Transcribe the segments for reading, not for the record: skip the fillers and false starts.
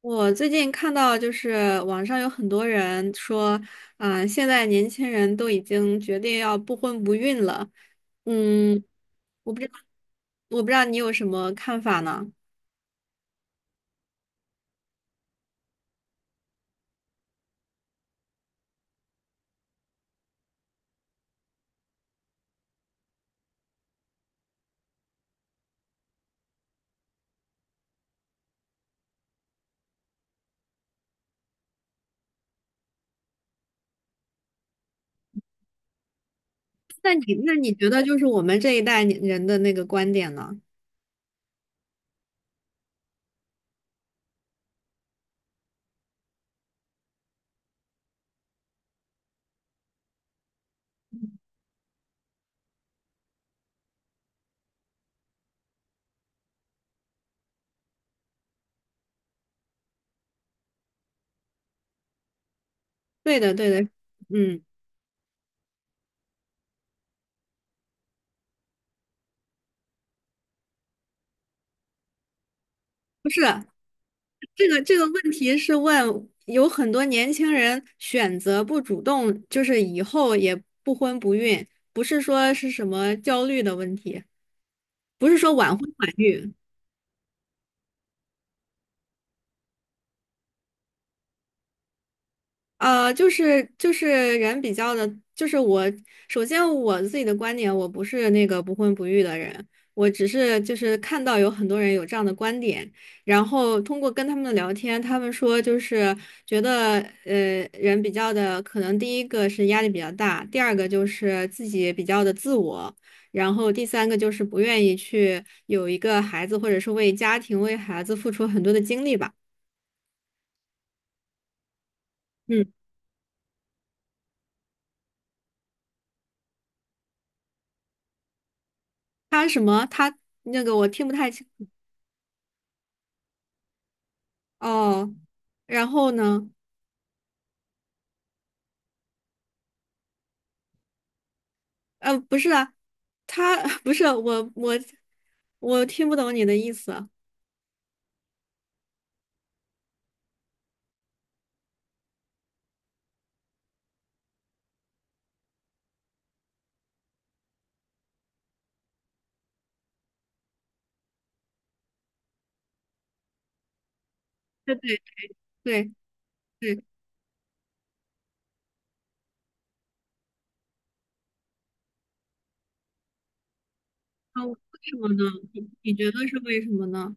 我最近看到，就是网上有很多人说，啊、现在年轻人都已经决定要不婚不孕了。嗯，我不知道，我不知道你有什么看法呢？那你觉得就是我们这一代年人的那个观点呢？对的，对的。嗯，不是。这个问题是问有很多年轻人选择不主动，就是以后也不婚不孕，不是说是什么焦虑的问题，不是说晚婚晚育。就是人比较的，就是我首先我自己的观点，我不是那个不婚不育的人，我只是就是看到有很多人有这样的观点，然后通过跟他们的聊天，他们说就是觉得人比较的，可能第一个是压力比较大，第二个就是自己比较的自我，然后第三个就是不愿意去有一个孩子，或者是为家庭为孩子付出很多的精力吧。嗯，他什么？他那个我听不太清。哦，然后呢？不是啊，他 不是我，我听不懂你的意思。对对对对。啊，为什么呢？你觉得是为什么呢？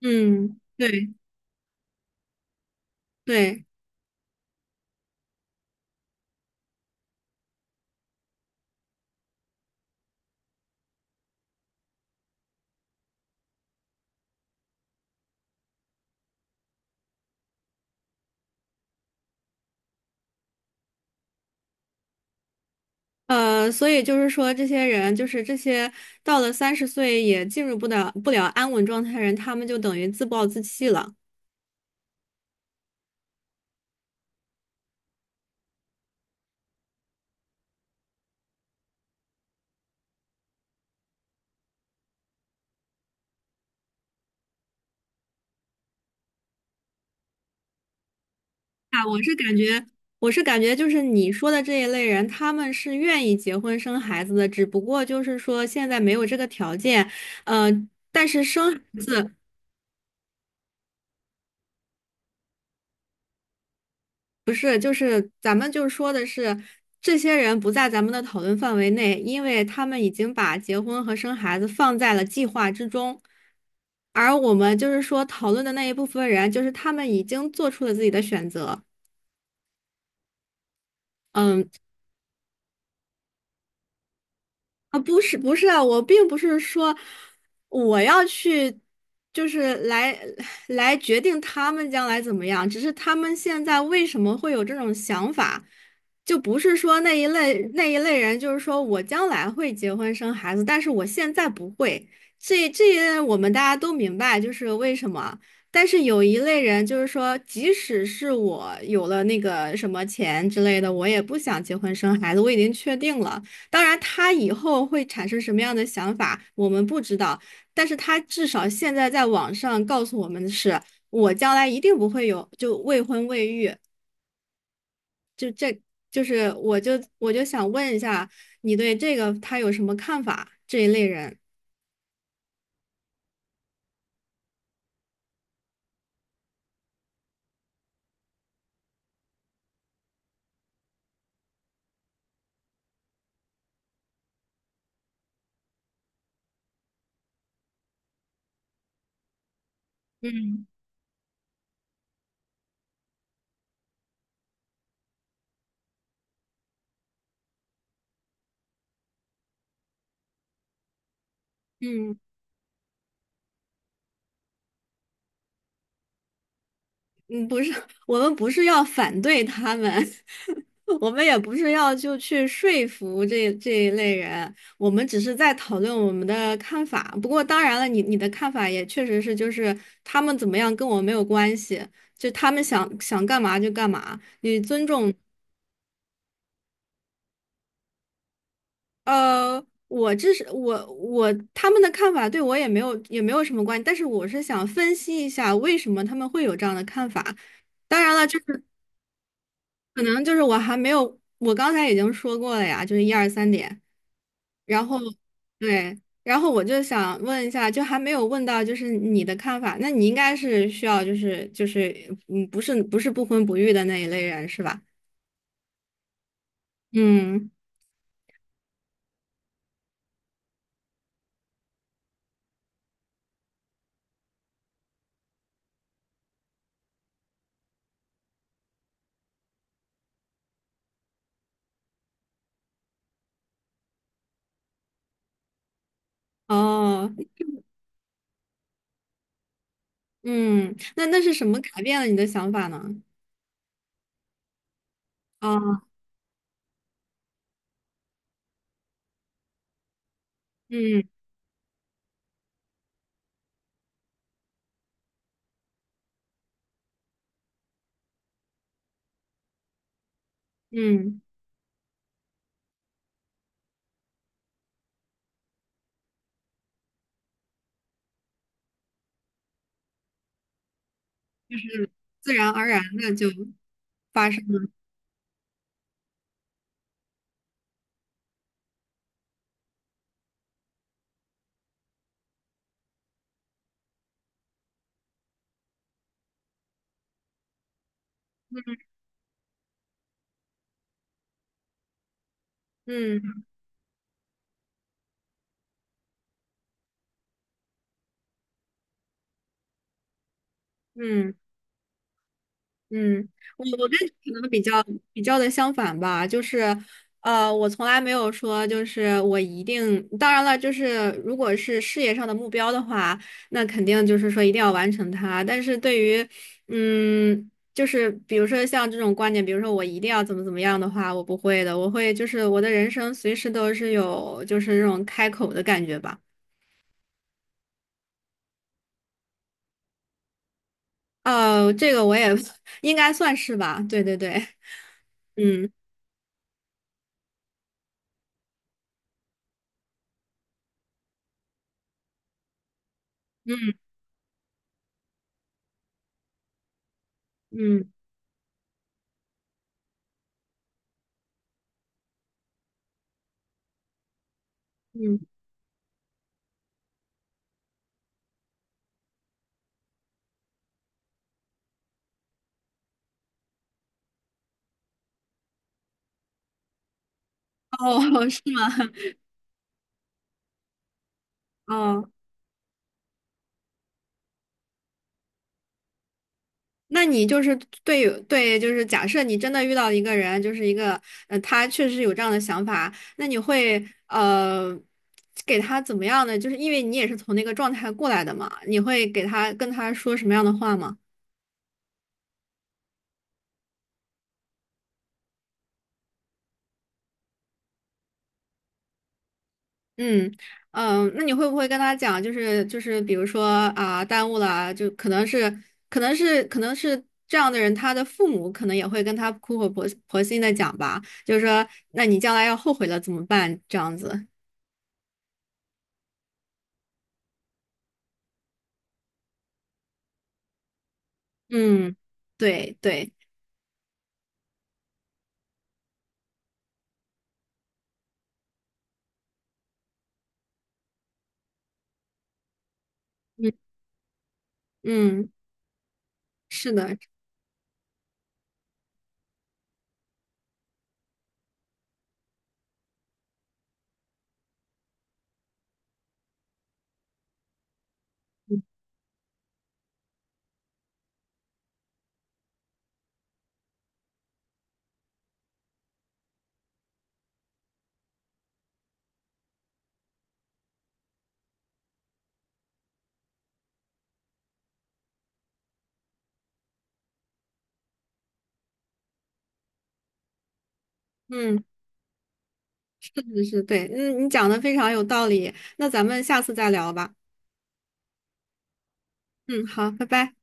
嗯，对对。所以就是说，这些人就是这些到了三十岁也进入不了安稳状态的人，他们就等于自暴自弃了。啊，我是感觉，就是你说的这一类人，他们是愿意结婚生孩子的，只不过就是说现在没有这个条件。呃，但是生孩子不是，就是咱们就是说的是，这些人不在咱们的讨论范围内，因为他们已经把结婚和生孩子放在了计划之中，而我们就是说讨论的那一部分人，就是他们已经做出了自己的选择。嗯。啊，不是不是啊，我并不是说我要去，就是来决定他们将来怎么样，只是他们现在为什么会有这种想法，就不是说那一类人，就是说我将来会结婚生孩子，但是我现在不会。这我们大家都明白，就是为什么。但是有一类人，就是说，即使是我有了那个什么钱之类的，我也不想结婚生孩子，我已经确定了。当然，他以后会产生什么样的想法，我们不知道。但是他至少现在在网上告诉我们的是，我将来一定不会有就未婚未育。就是我就我就想问一下，你对这个他有什么看法？这一类人。嗯嗯嗯，不是，我们不是要反对他们。我们也不是要就去说服这一类人，我们只是在讨论我们的看法。不过当然了，你的看法也确实是，就是他们怎么样跟我没有关系，就他们想干嘛就干嘛，你尊重。我这是我我他们的看法对我也没有什么关系，但是我是想分析一下为什么他们会有这样的看法。当然了，就是。可能就是我还没有，我刚才已经说过了呀，就是一二三点。然后对，然后我就想问一下，就还没有问到就是你的看法，那你应该是需要就是，不是不婚不育的那一类人是吧？嗯，哦。嗯，那是什么改变了你的想法呢？哦。嗯嗯，自然而然的就发生了。嗯嗯。嗯，我跟你可能比较的相反吧。就是，我从来没有说就是我一定，当然了，就是如果是事业上的目标的话，那肯定就是说一定要完成它。但是对于，就是比如说像这种观点，比如说我一定要怎么样的话，我不会的，我会就是我的人生随时都是有就是这种开口的感觉吧。这个我也 应该算是吧。对对对。嗯嗯嗯嗯。哦，是吗？哦，那你就是对对，就是假设你真的遇到一个人，就是一个他确实有这样的想法，那你会给他怎么样呢？就是因为你也是从那个状态过来的嘛，你会跟他说什么样的话吗？嗯那你会不会跟他讲，就是比如说啊，耽误了啊就可能是这样的人，他的父母可能也会跟他苦口婆心的讲吧，就是说，那你将来要后悔了怎么办？这样子。嗯，对对。嗯嗯，是的。嗯，是的是的对。嗯，你讲的非常有道理，那咱们下次再聊吧。嗯，好，拜拜。